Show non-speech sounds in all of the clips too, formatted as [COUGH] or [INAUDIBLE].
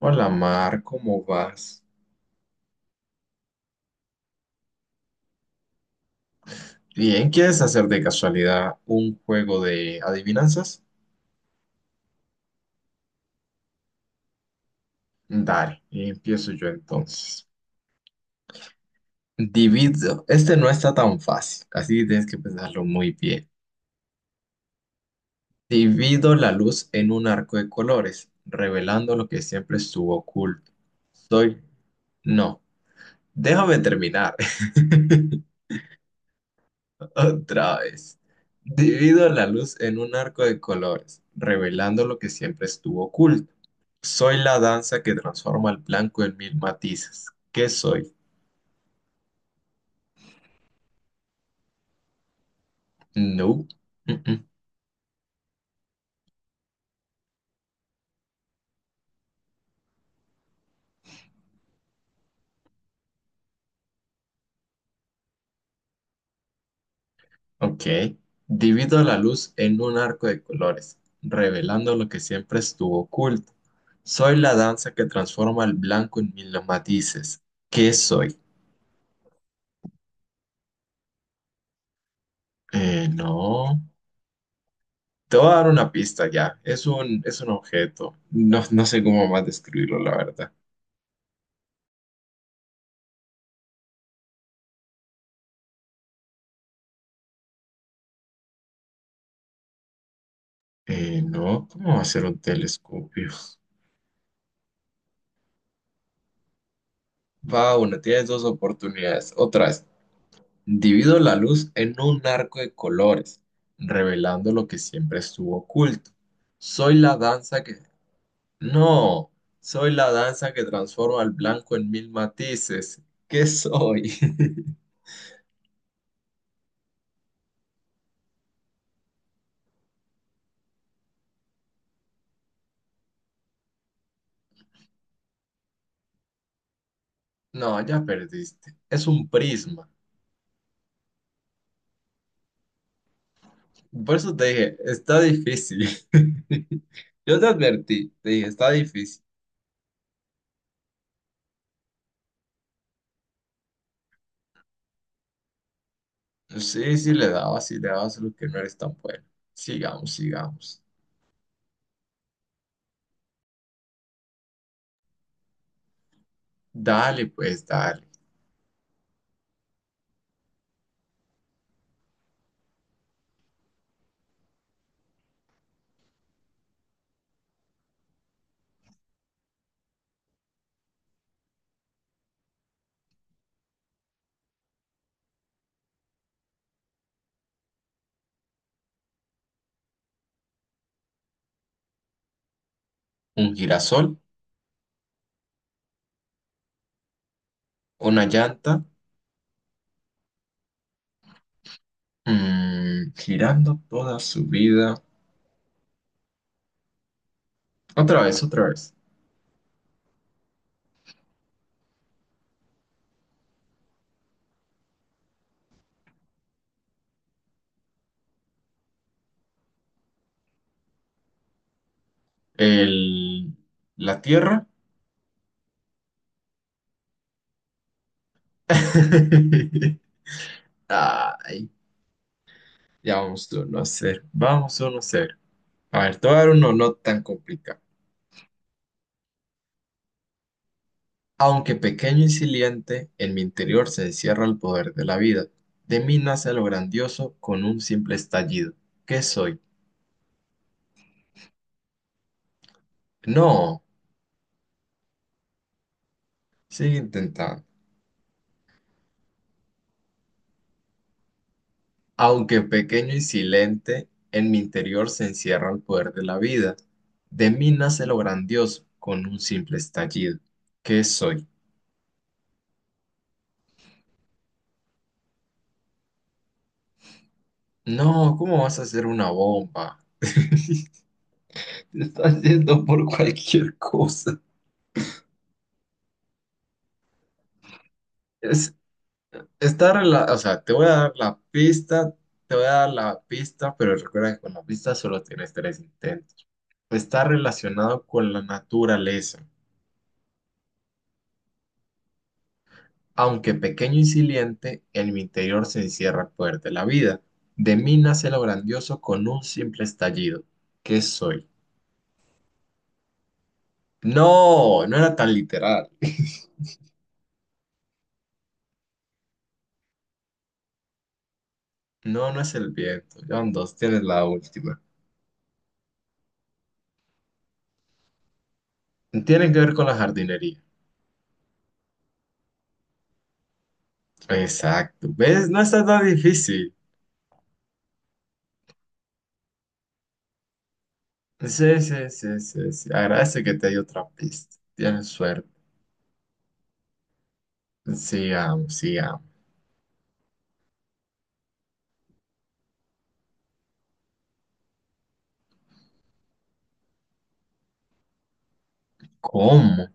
Hola Mar, ¿cómo vas? Bien, ¿quieres hacer de casualidad un juego de adivinanzas? Dale, empiezo yo entonces. Este no está tan fácil, así que tienes que pensarlo muy bien. Divido la luz en un arco de colores, revelando lo que siempre estuvo oculto. Soy, no, déjame terminar. [LAUGHS] Otra vez. Divido la luz en un arco de colores, revelando lo que siempre estuvo oculto. Soy la danza que transforma el blanco en mil matices. ¿Qué soy? No. Mm-mm. Ok. Divido la luz en un arco de colores, revelando lo que siempre estuvo oculto. Soy la danza que transforma el blanco en mil matices. ¿Qué soy? No. Te voy a dar una pista ya. Es un objeto. No, no sé cómo más describirlo, la verdad. No, ¿cómo va a ser un telescopio? Va, una, tienes dos oportunidades. Otras, divido la luz en un arco de colores, revelando lo que siempre estuvo oculto. Soy la danza que... No, soy la danza que transforma al blanco en mil matices. ¿Qué soy? [LAUGHS] No, ya perdiste. Es un prisma. Por eso te dije, está difícil. [LAUGHS] Yo te advertí, te dije, está difícil. Sí, sí le daba, solo que no eres tan bueno. Sigamos, sigamos. Dale, pues, dale. Un girasol, una llanta, girando toda su vida. Otra vez, otra vez. El, la tierra. [LAUGHS] Ay, ya vamos 1 a 0. Vamos 1 a 0. A ver, te voy a dar uno no tan complicado. Aunque pequeño y silente, en mi interior se encierra el poder de la vida. De mí nace lo grandioso con un simple estallido. ¿Qué soy? No, sigue intentando. Aunque pequeño y silente, en mi interior se encierra el poder de la vida. De mí nace lo grandioso con un simple estallido. ¿Qué soy? No, ¿cómo vas a hacer una bomba? [LAUGHS] Te estás yendo por cualquier cosa. Es, o sea, te voy a dar la pista, te voy a dar la pista, pero recuerda que con la pista solo tienes tres intentos. Está relacionado con la naturaleza. Aunque pequeño y silente, en mi interior se encierra el poder de la vida. De mí nace lo grandioso con un simple estallido. ¿Qué soy? No, no era tan literal. No, no es el viento. John dos, tienes la última. Tiene que ver con la jardinería. Exacto. ¿Ves? No está tan difícil. Sí, sí, sí, sí, sí. Agradece que te di otra pista. Tienes suerte. Sigamos, sigamos. ¿Cómo?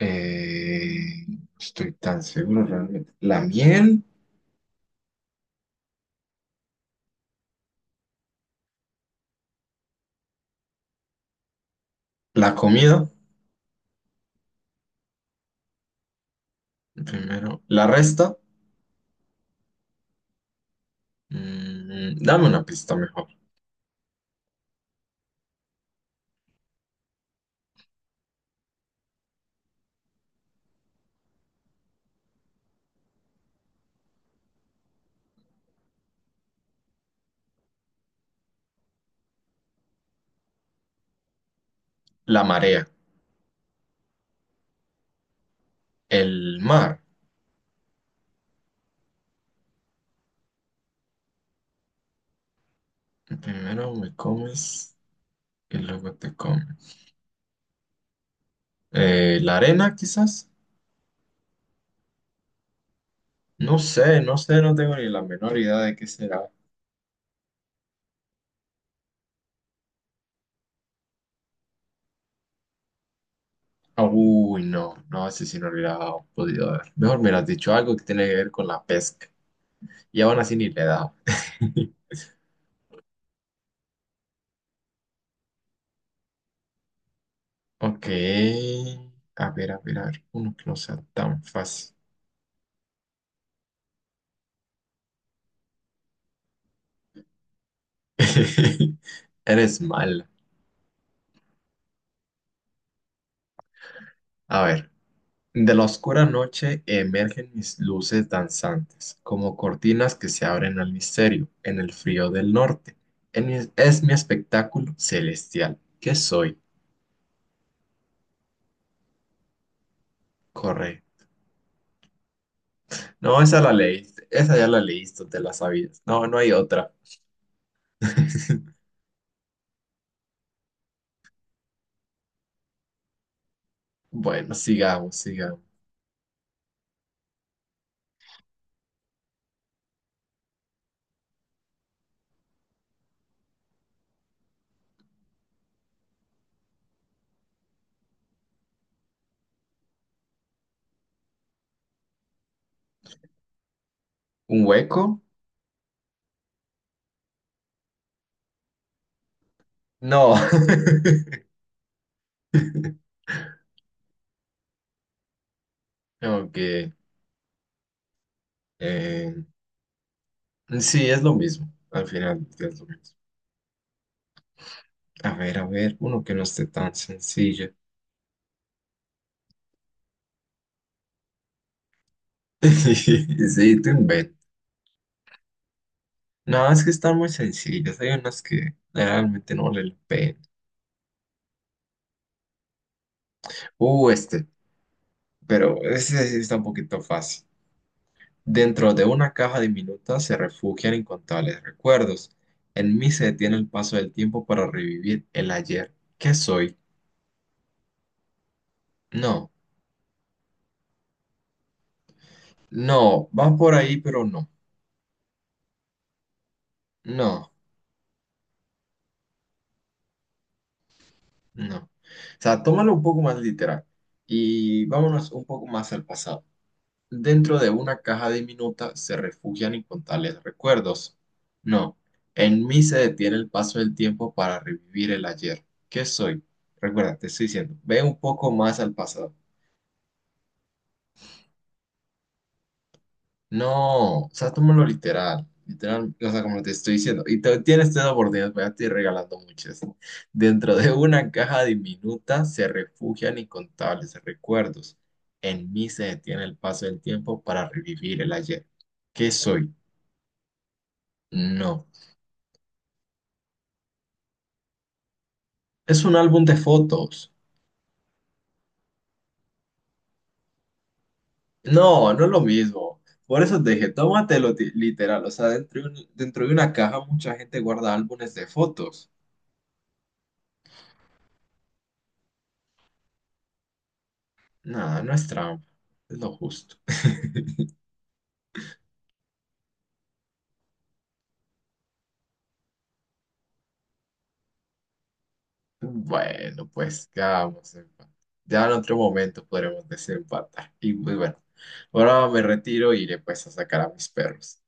Eh, no estoy tan seguro realmente. ¿La miel? ¿La comida? Primero. ¿La resta? Dame una pista mejor. La marea. El mar. Primero me comes y luego te comes. ¿La arena quizás? No sé, no sé, no tengo ni la menor idea de qué será. Uy, no, no, ese sí no lo hubiera podido ver. Mejor me hubieras dicho algo que tiene que ver con la pesca. Y aún así ni le he dado. [LAUGHS] Ok. A ver, a ver, a ver. Uno que no sea tan fácil. [LAUGHS] Eres mala. A ver. De la oscura noche emergen mis luces danzantes, como cortinas que se abren al misterio, en el frío del norte. Es mi espectáculo celestial. ¿Qué soy? Corre. No, esa la leíste, esa ya la leíste, te la sabías. No, no hay otra. [LAUGHS] Bueno, sigamos, sigamos. ¿Un hueco? No. [LAUGHS] Aunque, eh, sí, es lo mismo. Al final es lo mismo. A ver, uno que no esté tan sencillo. [LAUGHS] Sí, te inventas. No, es que están muy sencillas. Hay unas que realmente no valen la pena. Este. Pero ese sí está un poquito fácil. Dentro de una caja diminuta se refugian incontables recuerdos. En mí se detiene el paso del tiempo para revivir el ayer. ¿Qué soy? No, no, va por ahí, pero no, no. O sea, tómalo un poco más literal y vámonos un poco más al pasado. Dentro de una caja diminuta se refugian incontables recuerdos. No, en mí se detiene el paso del tiempo para revivir el ayer. ¿Qué soy? Recuerda, te estoy diciendo, ve un poco más al pasado. No, o sea, tómalo literal. Literal, o sea, como te estoy diciendo. Tienes tres oportunidades, voy a estoy regalando muchas. ¿No? Dentro de una caja diminuta se refugian incontables recuerdos. En mí se detiene el paso del tiempo para revivir el ayer. ¿Qué soy? No. Es un álbum de fotos. No, no es lo mismo. Por eso te dije, literal. O sea, dentro de una caja mucha gente guarda álbumes de fotos. Nada, no es trampa. Es lo justo. [LAUGHS] Bueno, pues ya vamos a ya en otro momento podremos desempatar. Y pues bueno, ahora me retiro y iré pues a sacar a mis perros.